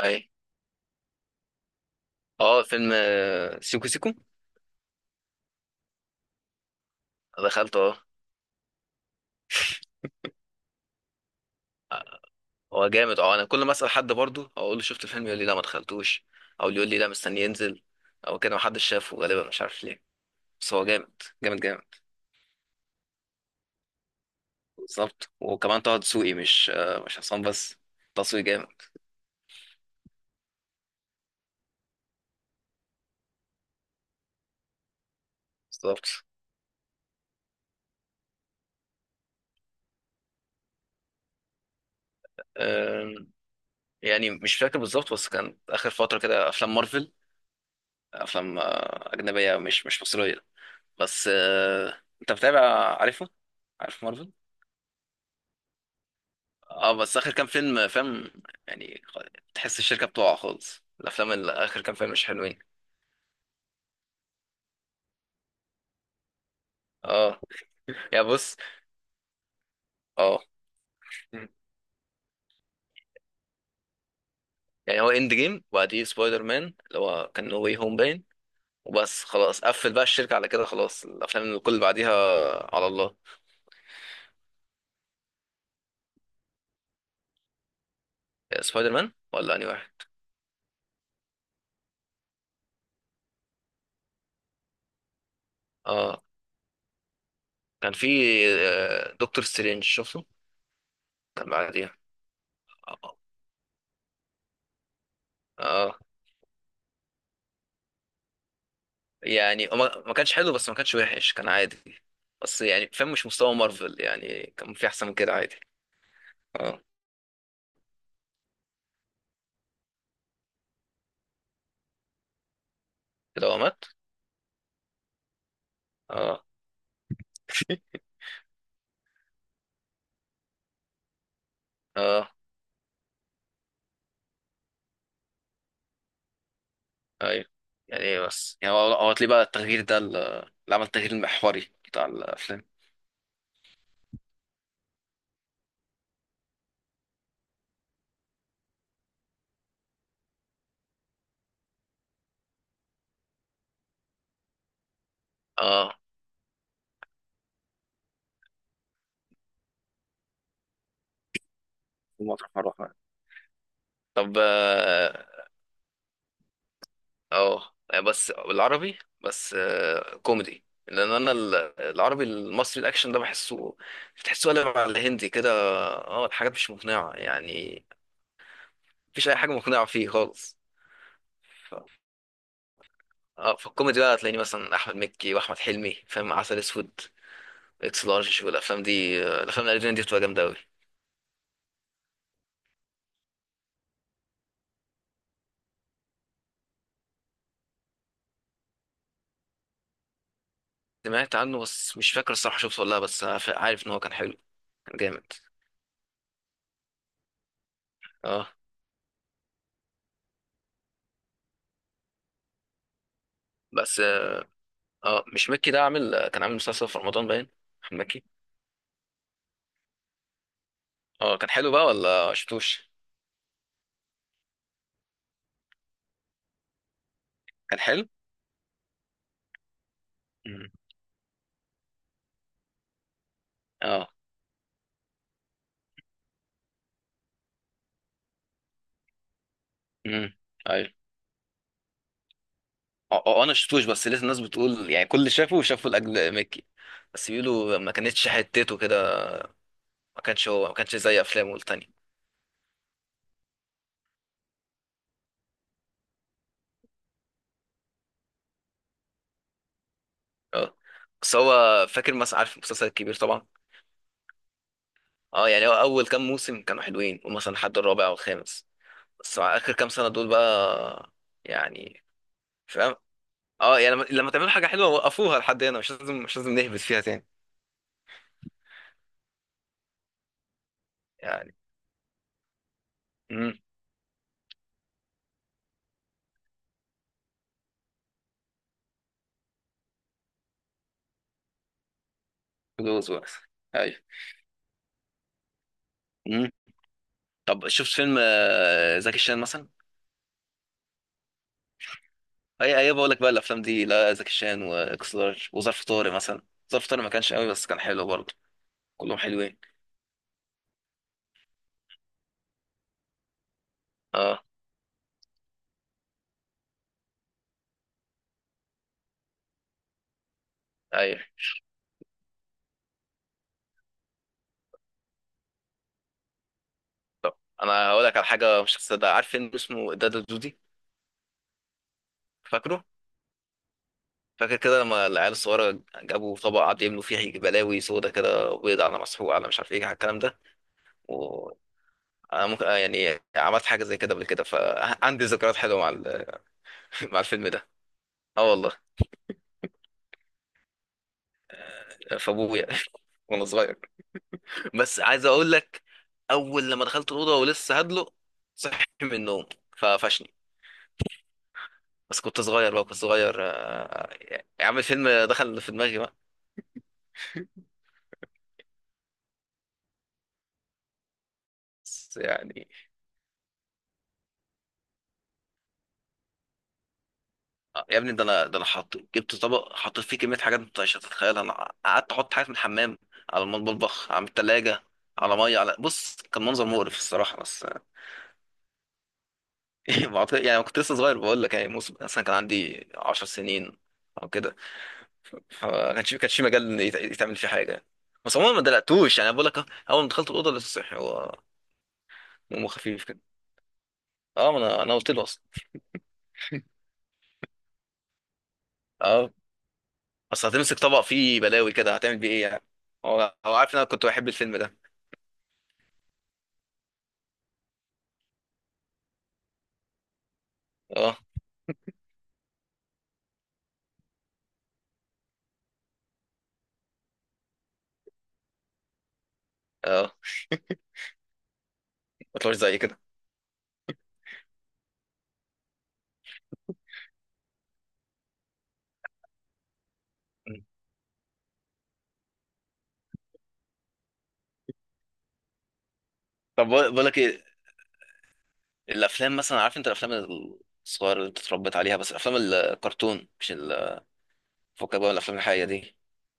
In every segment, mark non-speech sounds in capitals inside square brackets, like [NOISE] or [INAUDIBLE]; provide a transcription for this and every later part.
اي. اه، فيلم سيكو سيكو. دخلته، اه. هو جامد. اه، انا كل ما اسال حد برضه اقول له شفت الفيلم، يقول لي لا، ما دخلتوش، او يقول لي لا، مستني ينزل، او كده محدش شافه، غالبا مش عارف ليه. بس هو جامد، جامد، جامد. بالظبط، وكمان طه دسوقي مش عصام بس. طه دسوقي جامد. بالظبط. آم، يعني مش فاكر بالظبط، بس كان اخر فتره كده افلام مارفل. افلام اجنبيه، مش مصريه. بس انت متابع؟ عارفه عارف مارفل؟ اه. بس اخر كام فيلم، فاهم؟ يعني تحس الشركه بتقع خالص. الافلام اللي اخر كام فيلم مش حلوين. اه. يا بص، اه، يعني هو اند جيم، وبعديه سبايدر مان اللي هو كان نو واي هوم، باين. وبس. خلاص قفل بقى الشركه على كده. خلاص الافلام اللي كل اللي بعديها. على الله. سبايدر مان ولا انهي واحد؟ اه. كان في دكتور سترينج، شفته. كان بعديها. اه. آه. يعني ما كانش حلو، بس ما كانش وحش، كان عادي. بس يعني فاهم، مش مستوى مارفل. يعني كان في احسن من كده عادي. اه. كده هو مات. اه، اه، ايوه. يعني ايه؟ بس يعني هو تلاقيه بقى التغيير ده، اللي عمل التغيير المحوري بتاع الافلام. اه. مطرح ما رحنا. طب، اه. آه، يعني بس العربي، بس كوميدي، لان انا العربي المصري الاكشن ده بتحسه قلب على الهندي كده. اه. الحاجات مش مقنعه يعني. مفيش اي حاجه مقنعه فيه خالص. ف- اه، في الكوميدي بقى هتلاقيني مثلا احمد مكي واحمد حلمي، فاهم؟ عسل اسود، اكس لارج، والافلام دي، الافلام الاجنبيه دي بتبقى جامده قوي. سمعت عنه بس مش فاكر الصراحه شفته ولا لا، بس أنا عارف ان هو كان حلو. كان جامد. اه. بس، اه، مش مكي ده كان عامل مسلسل في رمضان باين. احمد مكي. اه. كان حلو بقى ولا شفتوش؟ كان حلو. مم. اه، امم ايوه. اه. انا شفتوش، بس لقيت الناس بتقول يعني، كل اللي شافه شافوا لاجل مكي. بس بيقولوا ما كانتش حتته كده. ما كانش هو، ما كانش زي افلامه التانية. اه. بس هو، فاكر مثلا؟ عارف المسلسل الكبير طبعا. اه. يعني هو اول كام موسم كانوا حلوين، ومثلا لحد الرابع او الخامس. بس مع اخر كام سنه دول بقى، يعني، فاهم؟ اه، يعني لما تعملوا حاجه حلوه وقفوها لحد هنا. مش لازم، مش لازم نهبط فيها تاني. يعني، امم فلوس بس. ايوه. امم طب، شفت فيلم زكي شان مثلا؟ اي، اي. بقول لك بقى الافلام دي، لا زكي شان واكس لارج وظرف طارق مثلا. ظرف طارق ما كانش قوي بس كان حلو برضه. كلهم حلوين. اه. ايوه. طب، انا هقول لك على حاجه مش هتصدق. عارف فيلم اسمه دادا دودي؟ فاكره؟ فاكر كده لما العيال الصغيرة جابوا طبق، قعدوا يملوا فيه بلاوي سودا كده، بيض على مسحوق على مش عارف ايه، على الكلام ده. و أنا ممكن يعني، عملت حاجة زي كده قبل كده، فعندي ذكريات حلوة مع [LAUGHS] مع الفيلم ده. اه، والله. فابويا، [LAUGHS] وانا صغير. بس عايز اقول لك، اول لما دخلت الأوضة ولسه هدلق، صحي من النوم، فقفشني. بس كنت صغير بقى، كنت صغير. يا عم، الفيلم دخل في دماغي بقى. بس يعني، يا ابني، ده انا جبت طبق، حطيت فيه كميه حاجات انت مش هتتخيلها. انا قعدت احط حاجات من الحمام، على المطبخ، على التلاجة، على ميه، بص، كان منظر مقرف الصراحه، بس. [LAUGHS] يعني كنت لسه صغير، بقول لك يعني موسم مثلا كان عندي 10 سنين او كده. فما كانش في مجال إن يتعمل فيه حاجه. بس عموما ما دلقتوش، يعني بقول لك، اول ما دخلت الاوضه لسه صحي هو. نومه خفيف كده. اه، ما انا، قلت له اصلا. اه، اصل هتمسك طبق فيه بلاوي كده، هتعمل بيه ايه يعني؟ هو عارف ان انا كنت بحب الفيلم ده. اه، اه، ما طلعوش زي كده. مم. طب، بقول لك ايه، الافلام مثلا، عارف انت الافلام الصغيره اللي انت اتربيت عليها، بس الافلام الكرتون مش فكك بقى من الافلام الحقيقيه دي.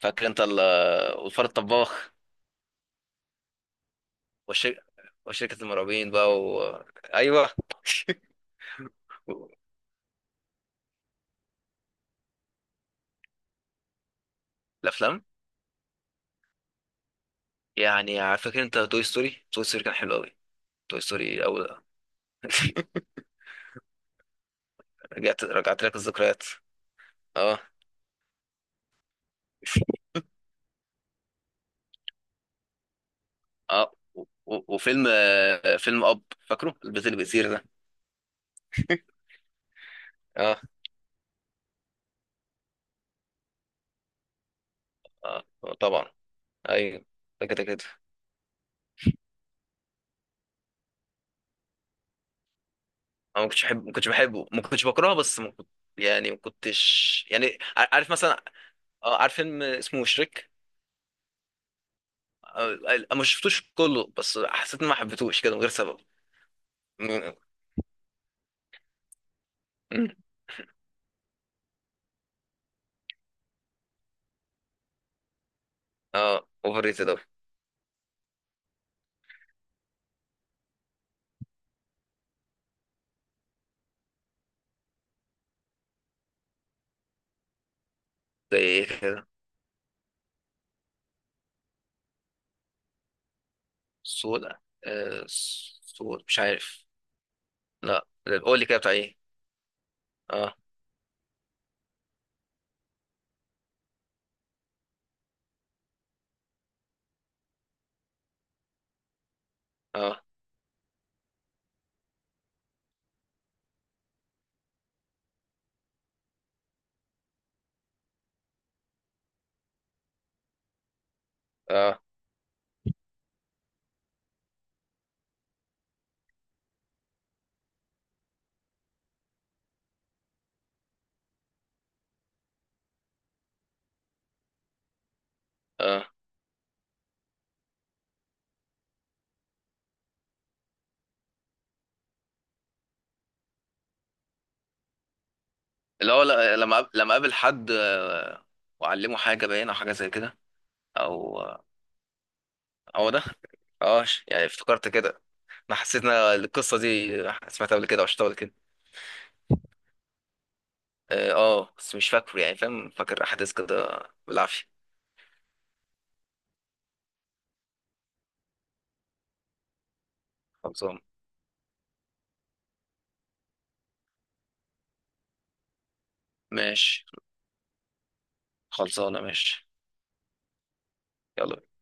فاكر انت والفار الطباخ، والشر... وشركه المرعبين بقى، ايوه. [LAUGHS] الافلام، يعني، فاكر انت توي ستوري؟ توي ستوري كان حلو قوي. توي ستوري اول. [LAUGHS] رجعت لك الذكريات. اه. [LAUGHS] اه، وفيلم آه، فيلم اب، فاكره البيت اللي بيطير ده؟ [LAUGHS] اه، اه، طبعا. ايوه ده، كده كده. انا ما كنتش بحبه، ما كنتش بكرهه، بس ما كنت، يعني، ما كنتش، يعني، عارف مثلا، عارف فيلم اسمه مشرك؟ آه، ما شفتوش كله، بس حسيت اني ما حبيتهوش كده من غير سبب. م- م- [LAUGHS] اه، اوفر ريتد اوي. زي ايه كده؟ سودا. آه، سودا، مش عارف. لا، قول لي كده بتاع ايه؟ اه، اه، اه، اه. اللي هو لما قابل حد، وعلمه حاجه، باينه، او حاجه زي كده. او هو ده. اه، يعني افتكرت كده. انا حسيت ان أنا القصه دي سمعتها قبل كده او شفتها قبل كده. اه. بس مش فاكره، يعني فاهم؟ فاكر احداث كده بالعافيه. خلصان، ماشي. خلصانه، ماشي. يلا.